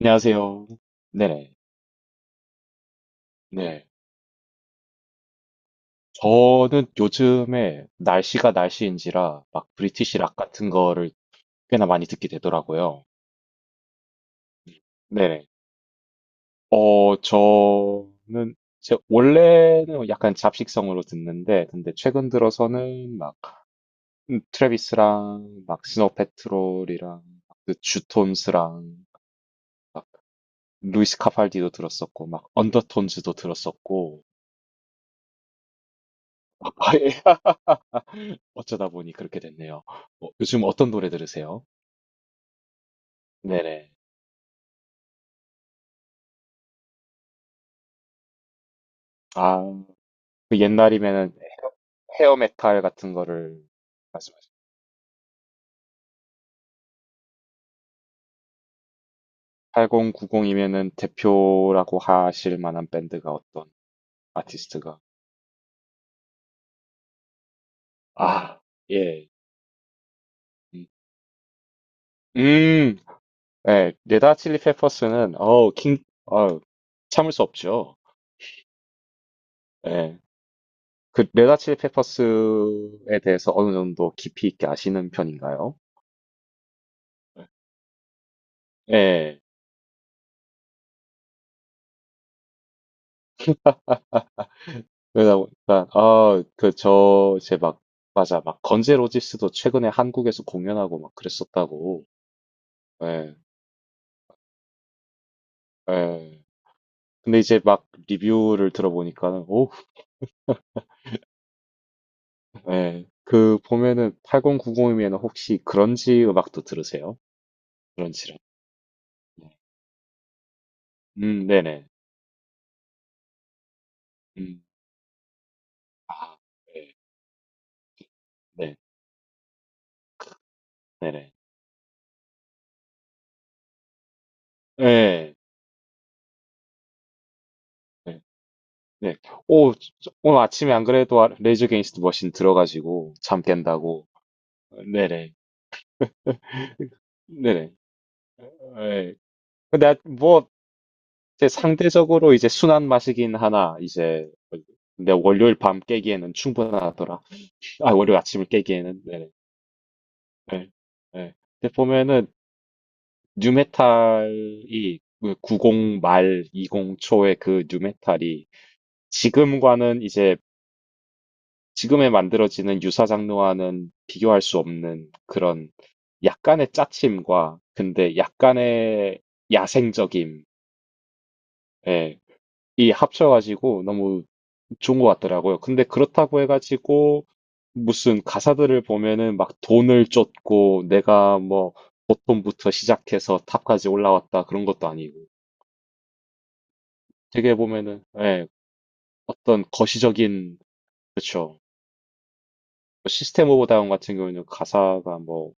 안녕하세요. 네네. 네. 저는 요즘에 날씨가 날씨인지라 막 브리티시 락 같은 거를 꽤나 많이 듣게 되더라고요. 네네. 저는 제 원래는 약간 잡식성으로 듣는데, 근데 최근 들어서는 막 트래비스랑 막 스노우 패트롤이랑 그 주톤스랑 막 루이스 카팔디도 들었었고 막 언더톤즈도 들었었고, 아예 어쩌다 보니 그렇게 됐네요. 어, 요즘 어떤 노래 들으세요? 네네. 아, 그 옛날이면은 헤어 메탈 같은 거를 말씀하시죠. 8090이면은 대표라고 하실 만한 밴드가 어떤 아티스트가. 아, 예. 음, 음, 예. 레다 칠리 페퍼스는, 어우, 킹, 어 참을 수 없죠. 예. 그 레다 칠리 페퍼스에 대해서 어느 정도 깊이 있게 아시는 편인가요? 예. 그러다 보니까 아, 그 저 이제 막 맞아. 막 건재 로지스도 최근에 한국에서 공연하고 막 그랬었다고. 예. 예. 근데 이제 막 리뷰를 들어보니까는 오, 예. 그 보면은 8090이면 혹시 그런지 음악도 들으세요? 그런지랑. 네네. 음. 아, 네. 네. 네네. 예. 네. 네. 네. 오, 오늘 아침에 안 그래도 레이저 게인스트 머신 들어가지고 잠 깬다고. 어, 네네. 네, 네네. 예. 예. 근데 뭐 이제 상대적으로 이제 순한 맛이긴 하나 이제, 근데 월요일 밤 깨기에는 충분하더라. 아, 월요일 아침을 깨기에는. 네, 네, 네. 근데 보면은 뉴메탈이, 90 말 20 초의 그 뉴메탈이 지금과는 이제, 지금에 만들어지는 유사 장르와는 비교할 수 없는 그런 약간의 짜침과 근데 약간의 야생적임, 예, 이 합쳐가지고 너무 좋은 것 같더라고요. 근데 그렇다고 해가지고 무슨 가사들을 보면은 막 돈을 쫓고 내가 뭐 보통부터 시작해서 탑까지 올라왔다 그런 것도 아니고, 되게 보면은 예, 어떤 거시적인. 그렇죠. 뭐 시스템 오브 다운 같은 경우에는 가사가 뭐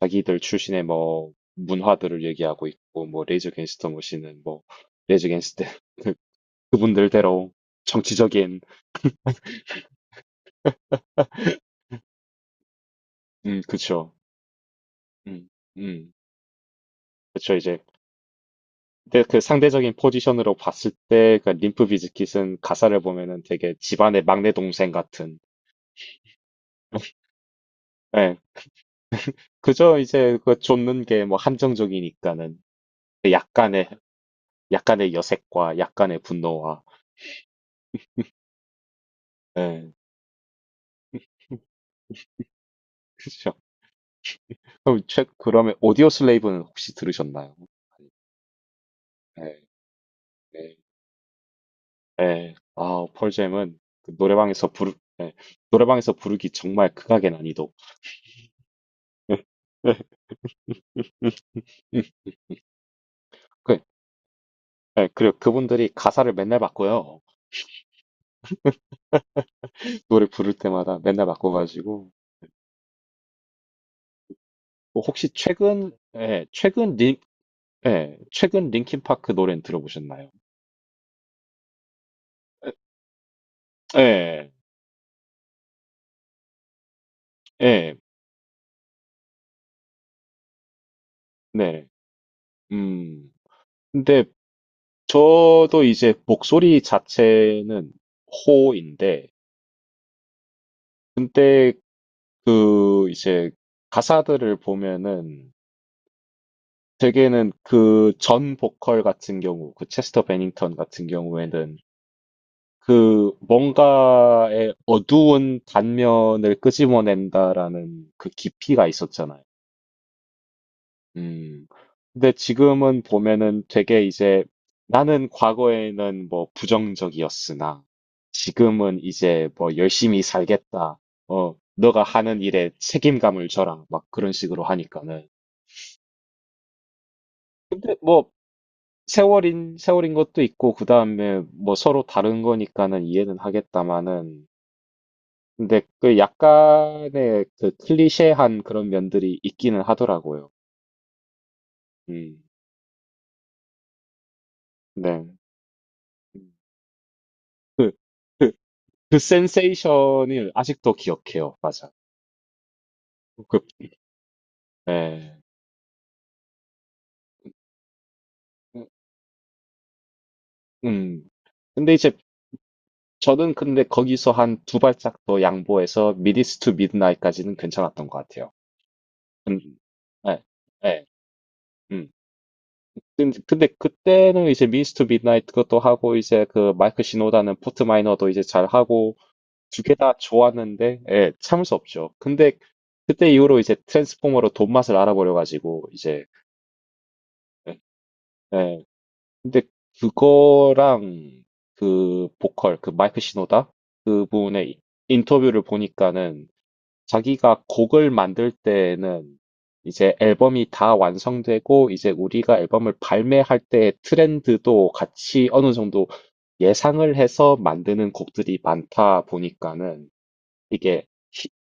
자기들 출신의 뭐 문화들을 얘기하고 있고, 뭐 레이저 갱스터 머신은 뭐 레이저 갱스터 그분들대로 정치적인. 그쵸. 음 음 그쵸. 이제, 근데 그 상대적인 포지션으로 봤을 때, 그 림프 비즈킷은 가사를 보면은 되게 집안의 막내 동생 같은. 예. 그저 이제 그 쫓는 게 뭐 한정적이니까는 그 약간의, 약간의 여색과 약간의 분노와. 예. 그죠. 그러면 오디오 슬레이브는 혹시 들으셨나요? 예, 예, 예. 아, 펄잼은 그 노래방에서 예. 노래방에서 부르기 정말 극악의 난이도. 예, 예, 음, 음. 그, 예, 그리고 그분들이 가사를 맨날 바꿔요. 노래 부를 때마다 맨날 바꿔가지고, 뭐 혹시 최근 예, 최근 링 예, 최근 링킨 파크 노래는 들어보셨나요? 예, 예, 네. 음. 근데 저도 이제 목소리 자체는 호인데, 근데 그 이제 가사들을 보면은 대개는 그 전 보컬 같은 경우, 그 체스터 베닝턴 같은 경우에는 그 뭔가의 어두운 단면을 끄집어낸다라는 그 깊이가 있었잖아요. 음. 근데 지금은 보면은 되게 이제, 나는 과거에는 뭐 부정적이었으나 지금은 이제 뭐 열심히 살겠다. 어, 너가 하는 일에 책임감을 져라. 막 그런 식으로 하니까는. 근데 뭐 세월인 것도 있고, 그다음에 뭐 서로 다른 거니까는 이해는 하겠다마는, 근데 그 약간의 그 클리셰한 그런 면들이 있기는 하더라고요. 음, 네. 그, 그, 그 센세이션을 아직도 기억해요. 맞아. 그, 네. 음. 근데 이제 저는, 근데 거기서 한 두 발짝 더 양보해서 미디스 투 미드나잇까지는 괜찮았던 것 같아요. 음, 네, 네, 음. 근데 그때는 이제 미디스 투 미드나잇 그것도 하고 이제 그 마이크 시노다는 포트 마이너도 이제 잘 하고 두 개 다 좋았는데, 예, 참을 수 없죠. 근데 그때 이후로 이제 트랜스포머로 돈맛을 알아버려가지고, 이제, 예, 예. 근데 그거랑 그 보컬, 그 마이크 시노다? 그분의 인터뷰를 보니까는 자기가 곡을 만들 때에는 이제 앨범이 다 완성되고, 이제 우리가 앨범을 발매할 때의 트렌드도 같이 어느 정도 예상을 해서 만드는 곡들이 많다 보니까는 이게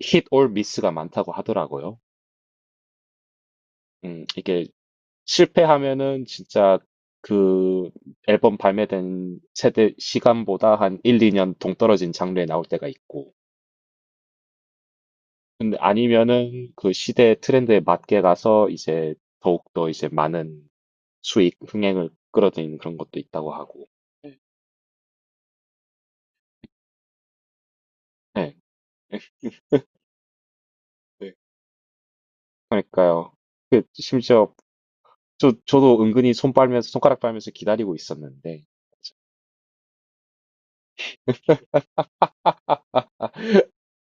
힛올 미스가 많다고 하더라고요. 이게 실패하면은 진짜 그 앨범 발매된 세대 시간보다 한 1, 2년 동떨어진 장르에 나올 때가 있고, 근데 아니면은 그 시대 트렌드에 맞게 가서 이제 더욱더 이제 많은 수익, 흥행을 끌어들이는 그런 것도 있다고 하고. 네. 네, 네. 그러니까요. 그 심지어 저도 은근히 손 빨면서, 손가락 빨면서 기다리고 있었는데,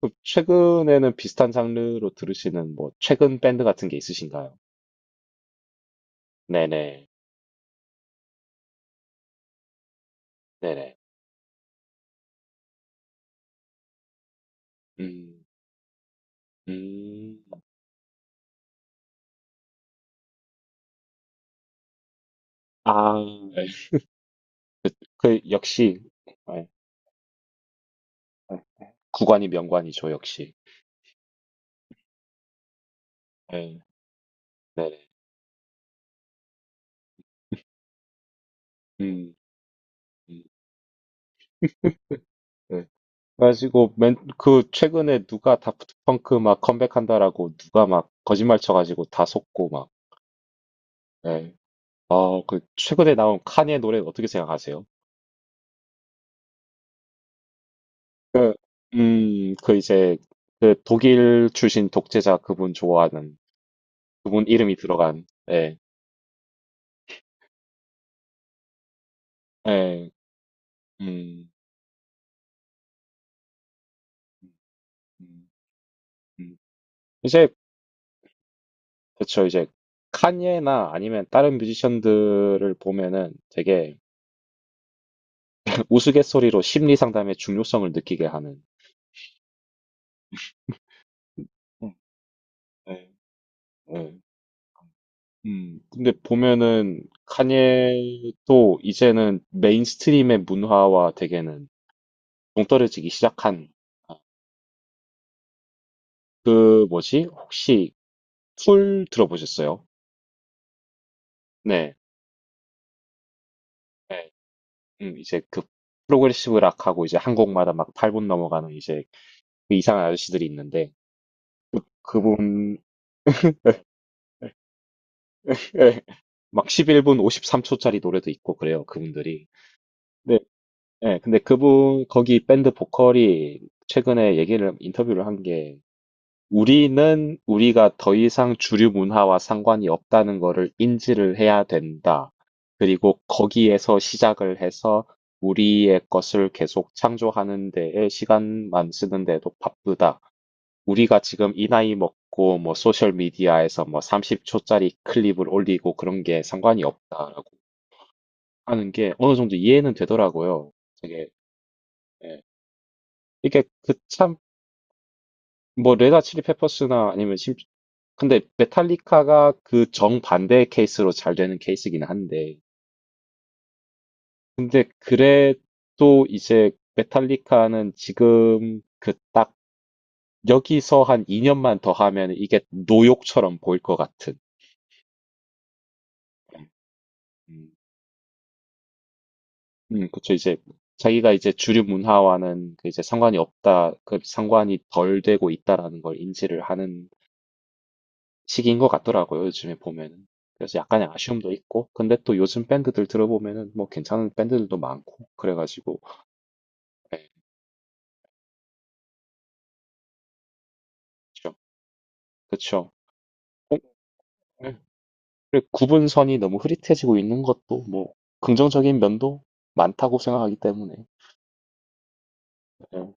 그럼 최근에는 비슷한 장르로 들으시는 뭐 최근 밴드 같은 게 있으신가요? 네네, 네네. 음, 음, 아, 네. 그 역시 네, 네, 네. 구관이 명관이죠, 역시. 네, 네네. 음, 음, 네. 그래가지고 맨, 그 최근에 누가 다프트 펑크 막 컴백한다라고 누가 막 거짓말 쳐가지고 다 속고 막. 네. 아, 그 최근에 나온 카니의 노래 어떻게 생각하세요? 그, 그 이제, 그 독일 출신 독재자 그분 좋아하는, 그분 이름이 들어간, 예, 예, 음, 음, 음. 음. 이제, 그쵸, 이제, 칸예나 아니면 다른 뮤지션들을 보면은 되게 우스갯소리로 심리 상담의 중요성을 느끼게 하는. 음, 예, 예. 근데 보면은 칸예도 이제는 메인스트림의 문화와 되게는 동떨어지기 시작한. 그 뭐지? 혹시 툴 들어보셨어요? 네. 네. 이제 그 프로그레시브 락하고 이제 한 곡마다 막 8분 넘어가는 이제 그 이상한 아저씨들이 있는데 그분 막 11분 53초짜리 노래도 있고 그래요. 그분들이. 네. 네. 근데 그분 거기 밴드 보컬이 최근에 얘기를 인터뷰를 한게, 우리는 우리가 더 이상 주류 문화와 상관이 없다는 것을 인지를 해야 된다. 그리고 거기에서 시작을 해서 우리의 것을 계속 창조하는 데에 시간만 쓰는데도 바쁘다. 우리가 지금 이 나이 먹고 뭐 소셜 미디어에서 뭐 30초짜리 클립을 올리고 그런 게 상관이 없다라고 하는 게 어느 정도 이해는 되더라고요. 되게. 예. 이게 그참 뭐 레다 칠리 페퍼스나 아니면 심 근데 메탈리카가 그 정반대의 케이스로 잘 되는 케이스긴 한데, 근데 그래도 이제 메탈리카는 지금 그 딱 여기서 한 2년만 더 하면 이게 노욕처럼 보일 것 같은. 음, 그쵸. 이제 자기가 이제 주류 문화와는 그 이제 상관이 없다, 그 상관이 덜 되고 있다라는 걸 인지를 하는 시기인 것 같더라고요, 요즘에 보면은. 그래서 약간의 아쉬움도 있고, 근데 또 요즘 밴드들 들어보면은 뭐 괜찮은 밴드들도 많고, 그래가지고, 예, 좀, 그쵸. 예. 그리고 구분선이 너무 흐릿해지고 있는 것도 뭐, 긍정적인 면도 많다고 생각하기 때문에. 예.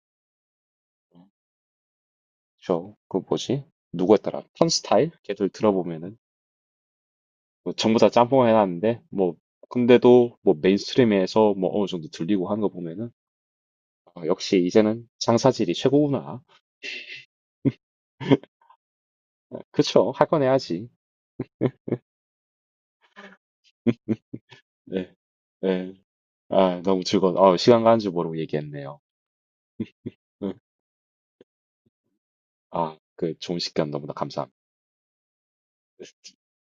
저, 그 뭐지? 누구였더라? 턴스타일? 걔들 들어보면은, 뭐 전부 다 짬뽕 해놨는데, 뭐, 근데도 뭐 메인스트림에서 뭐 어느 정도 들리고 하는 거 보면은, 아, 역시 이제는 장사질이 최고구나. 그쵸. 할 건 해야지. 네. 네. 아, 너무 즐거워. 어, 시간 가는 줄 모르고 얘기했네요. 응. 아, 그 좋은 시간 너무나 감사합니다.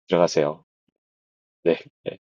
들어가세요. 네. 네.